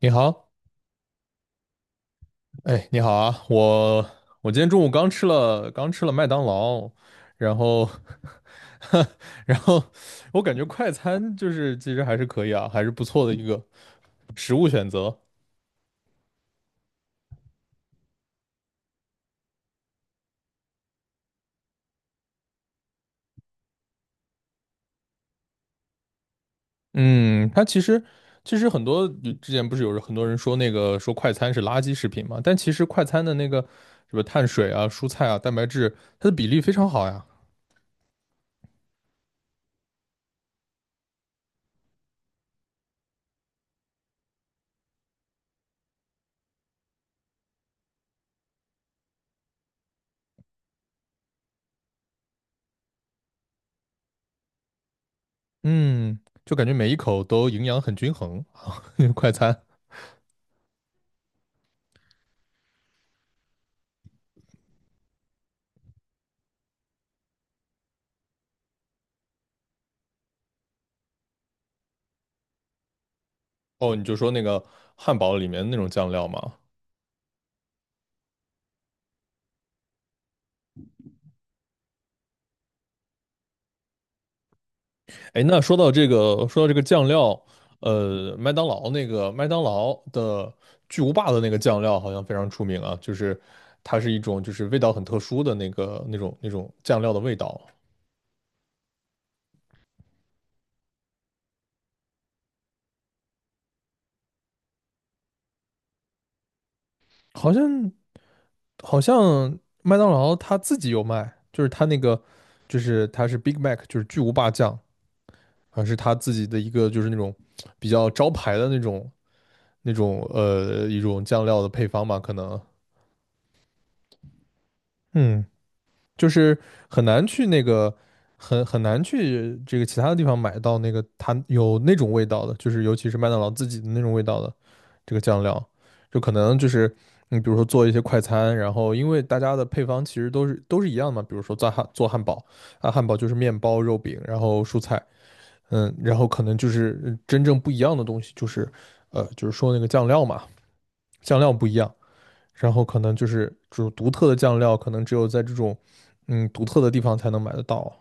你好，哎，你好啊，我今天中午刚吃了麦当劳，然后 然后我感觉快餐其实还是可以啊，还是不错的一个食物选择。嗯，它其实很多之前不是有人很多人说说快餐是垃圾食品嘛，但其实快餐的那个什么碳水啊、蔬菜啊、蛋白质，它的比例非常好呀。嗯，就感觉每一口都营养很均衡，啊，快餐。哦，你就说那个汉堡里面那种酱料吗？哎，那说到这个，说到这个酱料，麦当劳的巨无霸的那个酱料好像非常出名啊，就是它是一种就是味道很特殊的那种酱料的味道，好像好像麦当劳它自己有卖，就是它那个就是它是 Big Mac，就是巨无霸酱，还是它自己的一个就是那种比较招牌的那种一种酱料的配方吧，可能。嗯。就是很难去那个，很难去这个其他的地方买到那个它有那种味道的，就是尤其是麦当劳自己的那种味道的这个酱料，就可能就是你比如说做一些快餐，然后因为大家的配方其实都是一样的嘛，比如说做汉堡啊，汉堡就是面包、肉饼，然后蔬菜，嗯，然后可能就是真正不一样的东西就是，呃，就是说那个酱料嘛，酱料不一样。然后可能就是这种独特的酱料，可能只有在这种独特的地方才能买得到。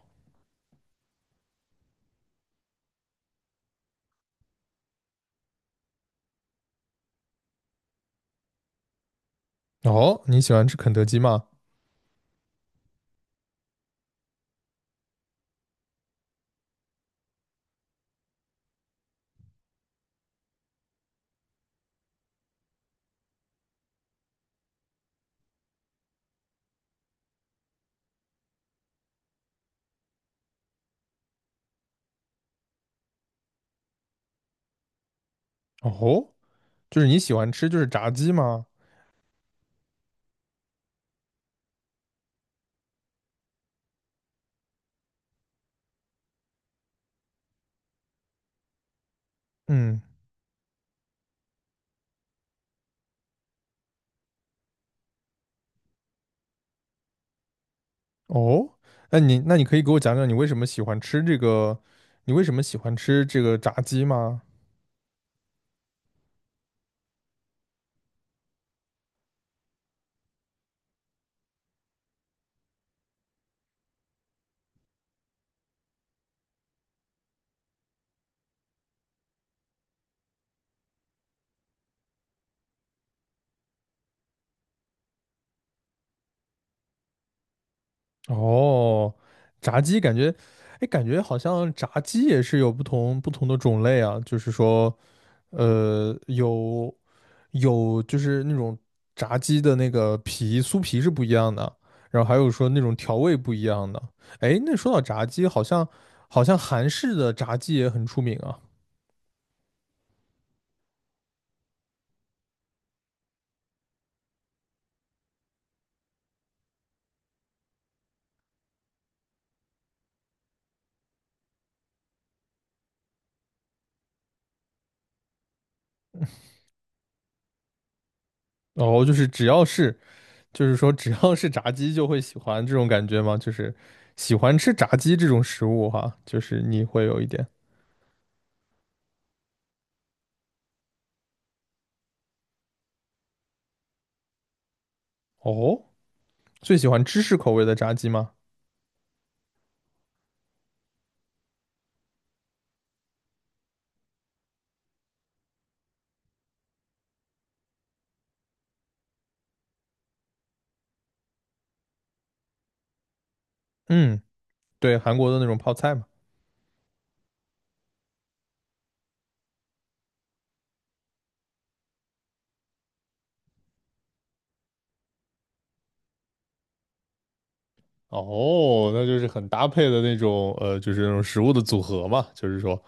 哦，你喜欢吃肯德基吗？哦，就是你喜欢吃就是炸鸡吗？嗯。哦，那你可以给我讲讲你为什么喜欢吃这个，你为什么喜欢吃这个炸鸡吗？哦，炸鸡感觉，哎，感觉好像炸鸡也是有不同的种类啊，就是说，呃，有就是那种炸鸡的那个皮酥皮是不一样的，然后还有说那种调味不一样的。哎，那说到炸鸡，好像韩式的炸鸡也很出名啊。哦，就是只要是就是说只要是炸鸡就会喜欢这种感觉吗？就是喜欢吃炸鸡这种食物哈，就是你会有一点。哦，最喜欢芝士口味的炸鸡吗？嗯，对，韩国的那种泡菜嘛。哦，那就是很搭配的那种，呃，就是那种食物的组合嘛，就是说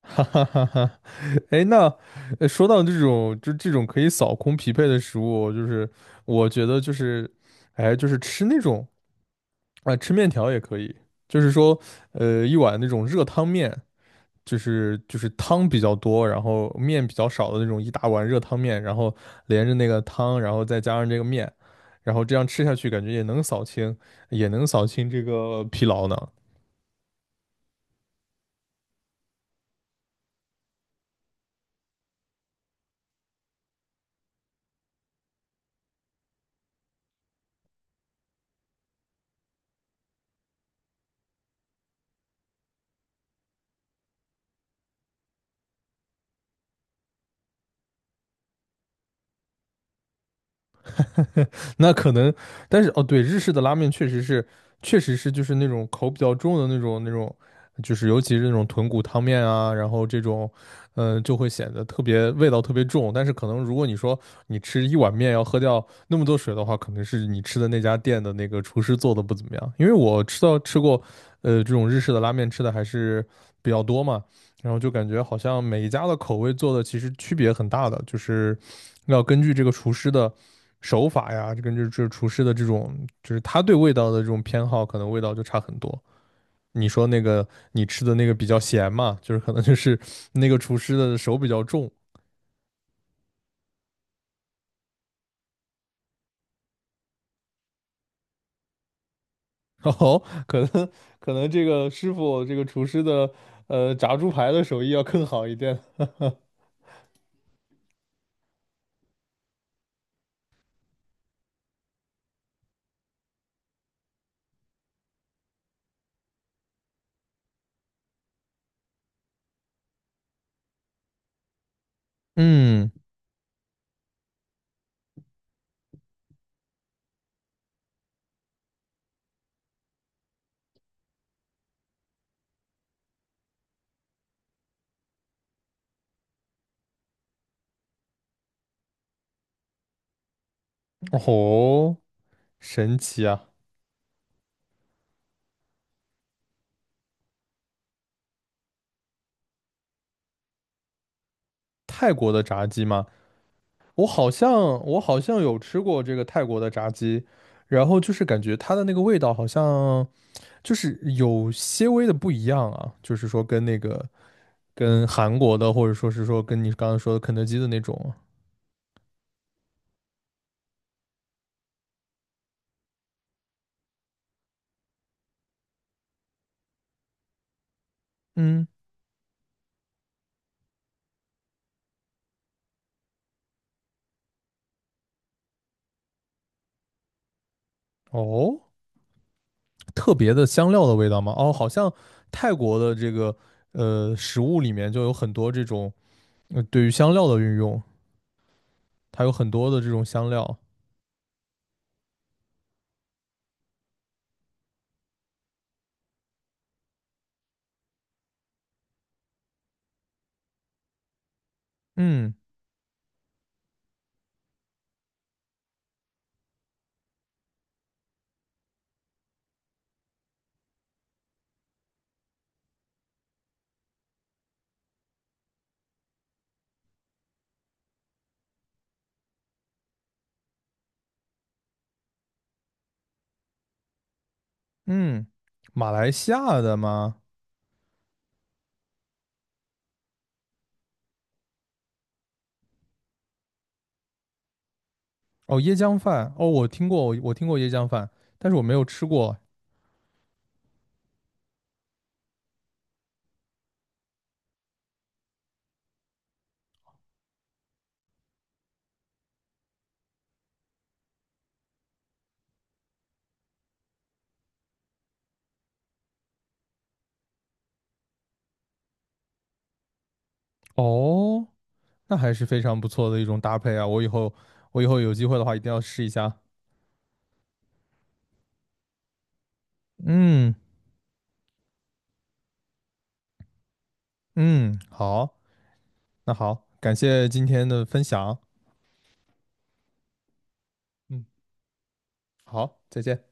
哈哈哈哈，哎，那说到这种，就这种可以扫空疲惫的食物，就是我觉得就是，哎，就是吃那种啊、吃面条也可以，就是说，呃，一碗那种热汤面，就是汤比较多，然后面比较少的那种一大碗热汤面，然后连着那个汤，然后再加上这个面，然后这样吃下去，感觉也能扫清，也能扫清这个疲劳呢。那可能，但是哦，对，日式的拉面确实是，确实是就是那种口比较重的那种，就是尤其是那种豚骨汤面啊，然后这种，嗯、就会显得特别味道特别重。但是可能如果你说你吃一碗面要喝掉那么多水的话，可能是你吃的那家店的那个厨师做的不怎么样。因为我吃到吃过，呃，这种日式的拉面吃的还是比较多嘛，然后就感觉好像每一家的口味做的其实区别很大的，就是要根据这个厨师的。手法呀，这跟这厨师的这种，就是他对味道的这种偏好，可能味道就差很多。你说那个你吃的那个比较咸嘛，就是可能就是那个厨师的手比较重，然后可能可能这个师傅这个厨师的炸猪排的手艺要更好一点。嗯，哦，神奇啊！泰国的炸鸡吗？我好像我好像有吃过这个泰国的炸鸡，然后就是感觉它的那个味道好像就是有些微的不一样啊，就是说跟那个跟韩国的，或者说是说跟你刚刚说的肯德基的那种啊，嗯，哦，特别的香料的味道吗？哦，好像泰国的这个食物里面就有很多这种对于香料的运用，它有很多的这种香料，嗯嗯，马来西亚的吗？哦，椰浆饭，哦，我听过，我听过椰浆饭，但是我没有吃过，哦。那还是非常不错的一种搭配啊！我以后有机会的话，一定要试一下。嗯嗯，好，那好，感谢今天的分享。嗯，好，再见。